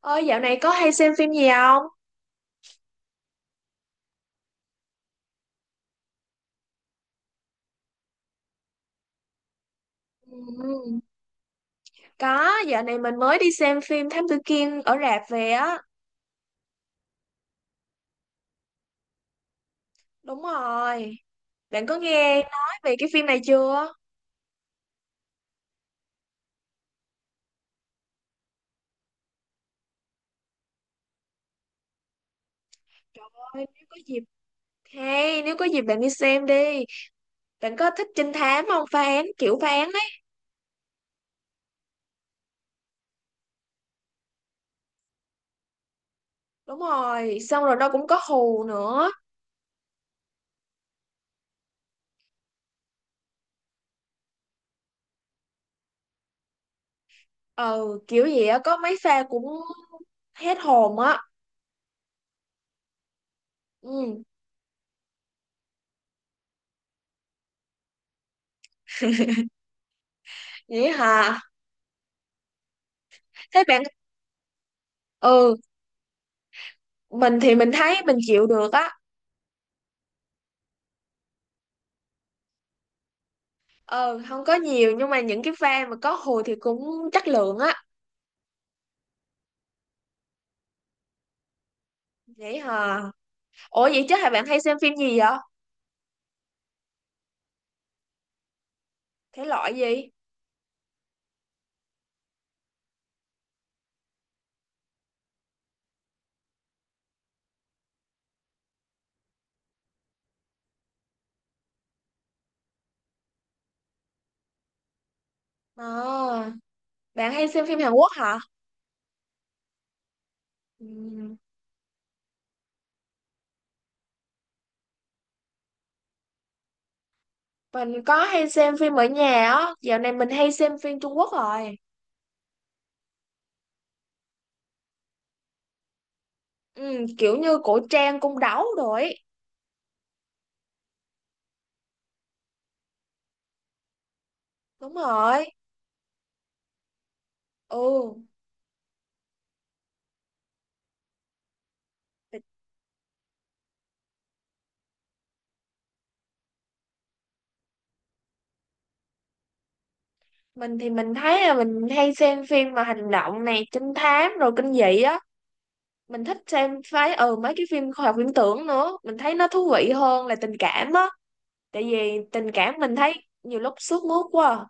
Ơi dạo này có hay xem phim gì không? Ừ, Có, dạo này mình mới đi xem phim Thám Tử Kiên ở rạp về á. Đúng rồi. Bạn có nghe nói về cái phim này chưa? Trời ơi, nếu có nếu có dịp bạn đi xem đi. Bạn có thích trinh thám không? Phá án, kiểu phá án ấy. Đúng rồi, xong rồi nó cũng có hù nữa. Ừ, kiểu gì á, có mấy pha cũng hết hồn á. Ừ. Vậy hả? Thế bạn, ừ, mình thì mình thấy mình chịu được á. Ờ, không có nhiều nhưng mà những cái pha mà có hồi thì cũng chất lượng á. Vậy hả? Ủa vậy chứ hả bạn hay xem phim gì vậy? Thể loại gì? À, bạn hay xem phim Hàn Quốc hả? Ừ. Mình có hay xem phim ở nhà á. Dạo này mình hay xem phim Trung Quốc rồi. Ừ, kiểu như cổ trang cung đấu rồi. Ấy. Đúng rồi. Ừ. Mình thì mình thấy là mình hay xem phim mà hành động này, trinh thám rồi kinh dị á. Mình thích xem phái mấy cái phim khoa học viễn tưởng nữa, mình thấy nó thú vị hơn là tình cảm á. Tại vì tình cảm mình thấy nhiều lúc sướt mướt quá à.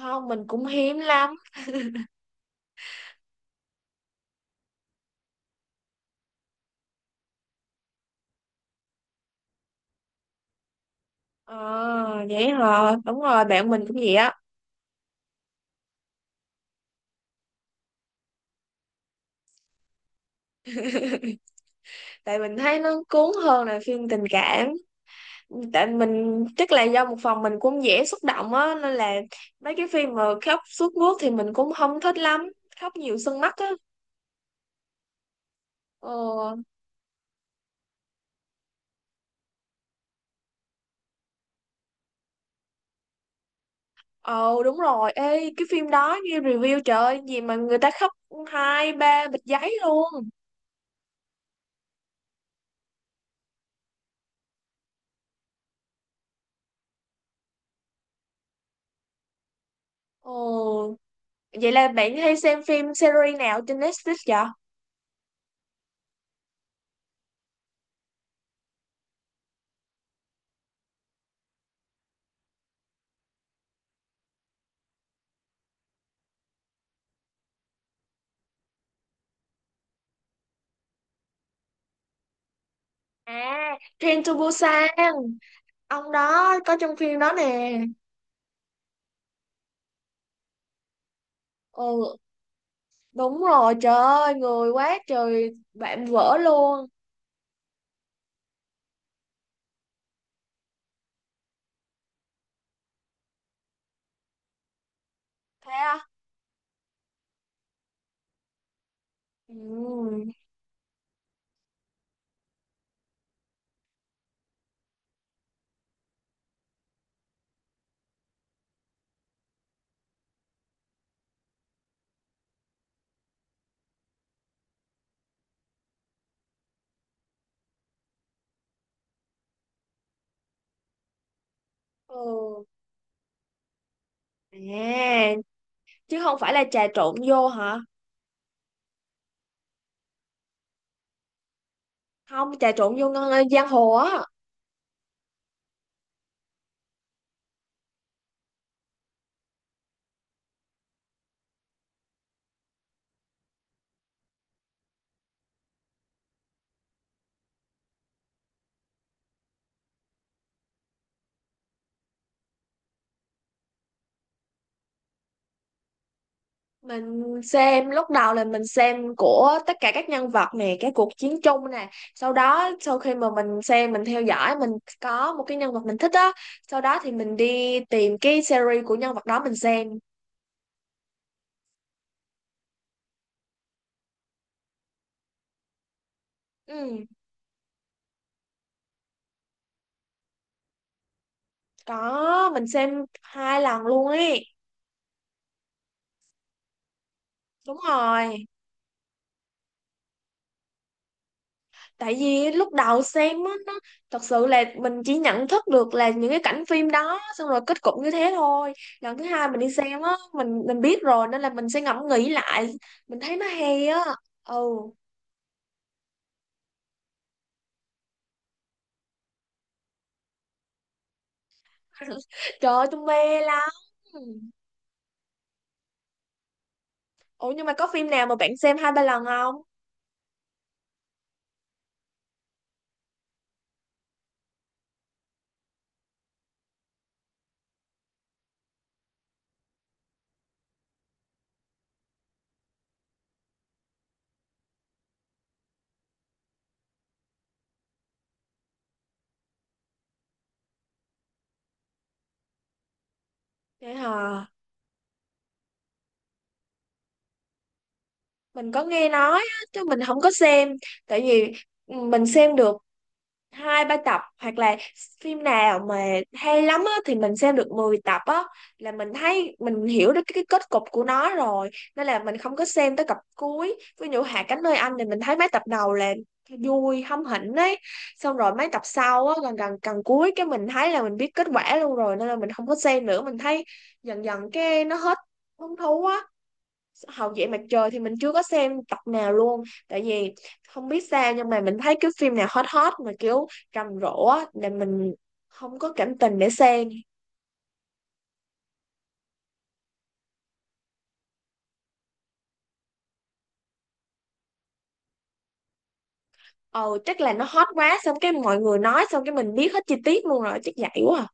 Không mình cũng hiếm lắm. Ờ vậy hả, đúng rồi bạn mình cũng vậy á. Tại mình thấy nó cuốn hơn là phim tình cảm. Tại mình chắc là do một phần mình cũng dễ xúc động á nên là mấy cái phim mà khóc sướt mướt thì mình cũng không thích lắm. Khóc nhiều sưng mắt á. ờ Ờ đúng rồi, ê cái phim đó nghe review trời ơi, gì mà người ta khóc hai ba bịch giấy luôn. Ồ, vậy là bạn hay xem phim series nào trên Netflix vậy? À, Train to Busan, ông đó có trong phim đó nè. Ồ đúng rồi, trời ơi, người quá trời bạn vỡ luôn. Thế à? Ừ. Ừ. À, chứ không phải là trà trộn vô hả? Không, trà trộn vô ngân- giang hồ á. Mình xem Lúc đầu là mình xem của tất cả các nhân vật nè, cái cuộc chiến chung nè, sau đó sau khi mà mình xem mình theo dõi, có một cái nhân vật mình thích á, sau đó thì mình đi tìm cái series của nhân vật đó mình xem. Ừ có, mình xem hai lần luôn ấy. Đúng rồi, tại vì lúc đầu xem á nó thật sự là mình chỉ nhận thức được là những cái cảnh phim đó xong rồi kết cục như thế thôi. Lần thứ hai mình đi xem á, mình biết rồi nên là mình sẽ ngẫm nghĩ lại, mình thấy nó hay á. Ừ. Trời ơi tôi mê lắm. Ủa nhưng mà có phim nào mà bạn xem hai ba lần không? Vậy hả? Mình có nghe nói á, chứ mình không có xem. Tại vì mình xem được hai ba tập hoặc là phim nào mà hay lắm á, thì mình xem được 10 tập á, là mình thấy mình hiểu được cái kết cục của nó rồi, nên là mình không có xem tới tập cuối. Ví dụ Hạ cánh nơi anh thì mình thấy mấy tập đầu là vui hâm hỉnh ấy, xong rồi mấy tập sau á gần gần gần cuối cái mình thấy là mình biết kết quả luôn rồi nên là mình không có xem nữa, mình thấy dần dần cái nó hết hứng thú á. Hậu duệ mặt trời thì mình chưa có xem tập nào luôn. Tại vì không biết sao nhưng mà mình thấy cái phim nào hot hot mà kiểu rầm rộ á là mình không có cảm tình để xem. Ồ chắc là nó hot quá xong cái mọi người nói xong cái mình biết hết chi tiết luôn rồi chắc vậy quá à.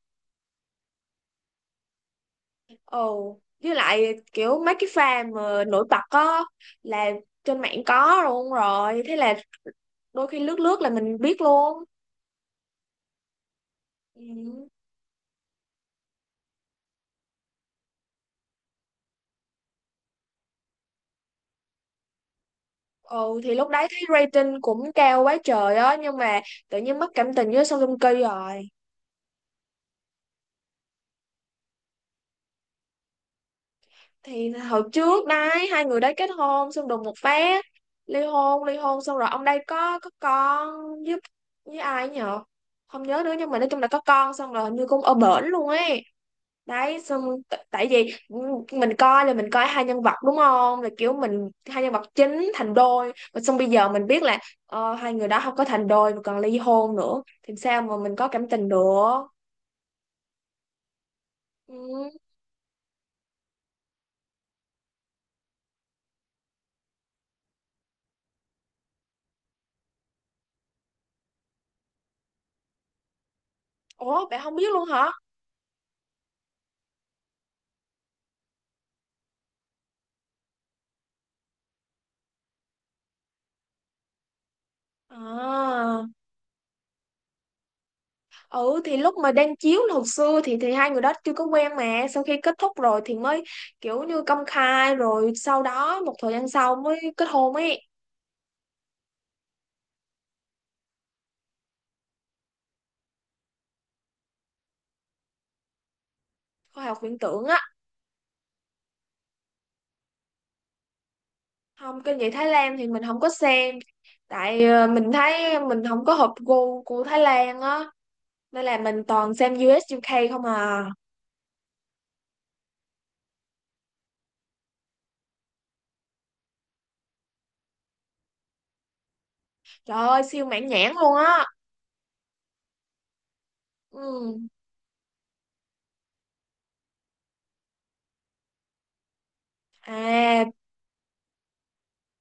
Ồ với lại kiểu mấy cái pha mà nổi bật á là trên mạng có luôn rồi, thế là đôi khi lướt lướt là mình biết luôn. Ừ. Ừ thì lúc đấy thấy rating cũng cao quá trời á nhưng mà tự nhiên mất cảm tình với Song Joong Ki rồi. Thì hồi trước đấy hai người đấy kết hôn xong đùng một phát ly hôn, xong rồi ông đây có con với với ai nhở? Không nhớ nữa nhưng mà nói chung là có con xong rồi hình như cũng ở bển luôn ấy. Đấy xong tại vì mình coi là mình coi hai nhân vật đúng không, là kiểu mình hai nhân vật chính thành đôi mà xong bây giờ mình biết là hai người đó không có thành đôi mà còn ly hôn nữa thì sao mà mình có cảm tình được. Ừ. Ủa bạn không biết luôn hả? À ừ thì lúc mà đang chiếu là hồi xưa thì hai người đó chưa có quen mà sau khi kết thúc rồi thì mới kiểu như công khai rồi sau đó một thời gian sau mới kết hôn ấy. Khoa học viễn tưởng á. Không kinh dị Thái Lan thì mình không có xem. Tại mình thấy mình không có hợp gu của Thái Lan á nên là mình toàn xem US UK không à. Trời ơi siêu mãn nhãn luôn á. Ừ. À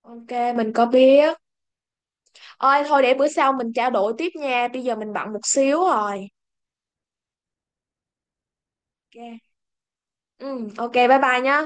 ok mình có biết. Ôi thôi để bữa sau mình trao đổi tiếp nha, bây giờ mình bận một xíu rồi. Ok ừ ok bye bye nhá.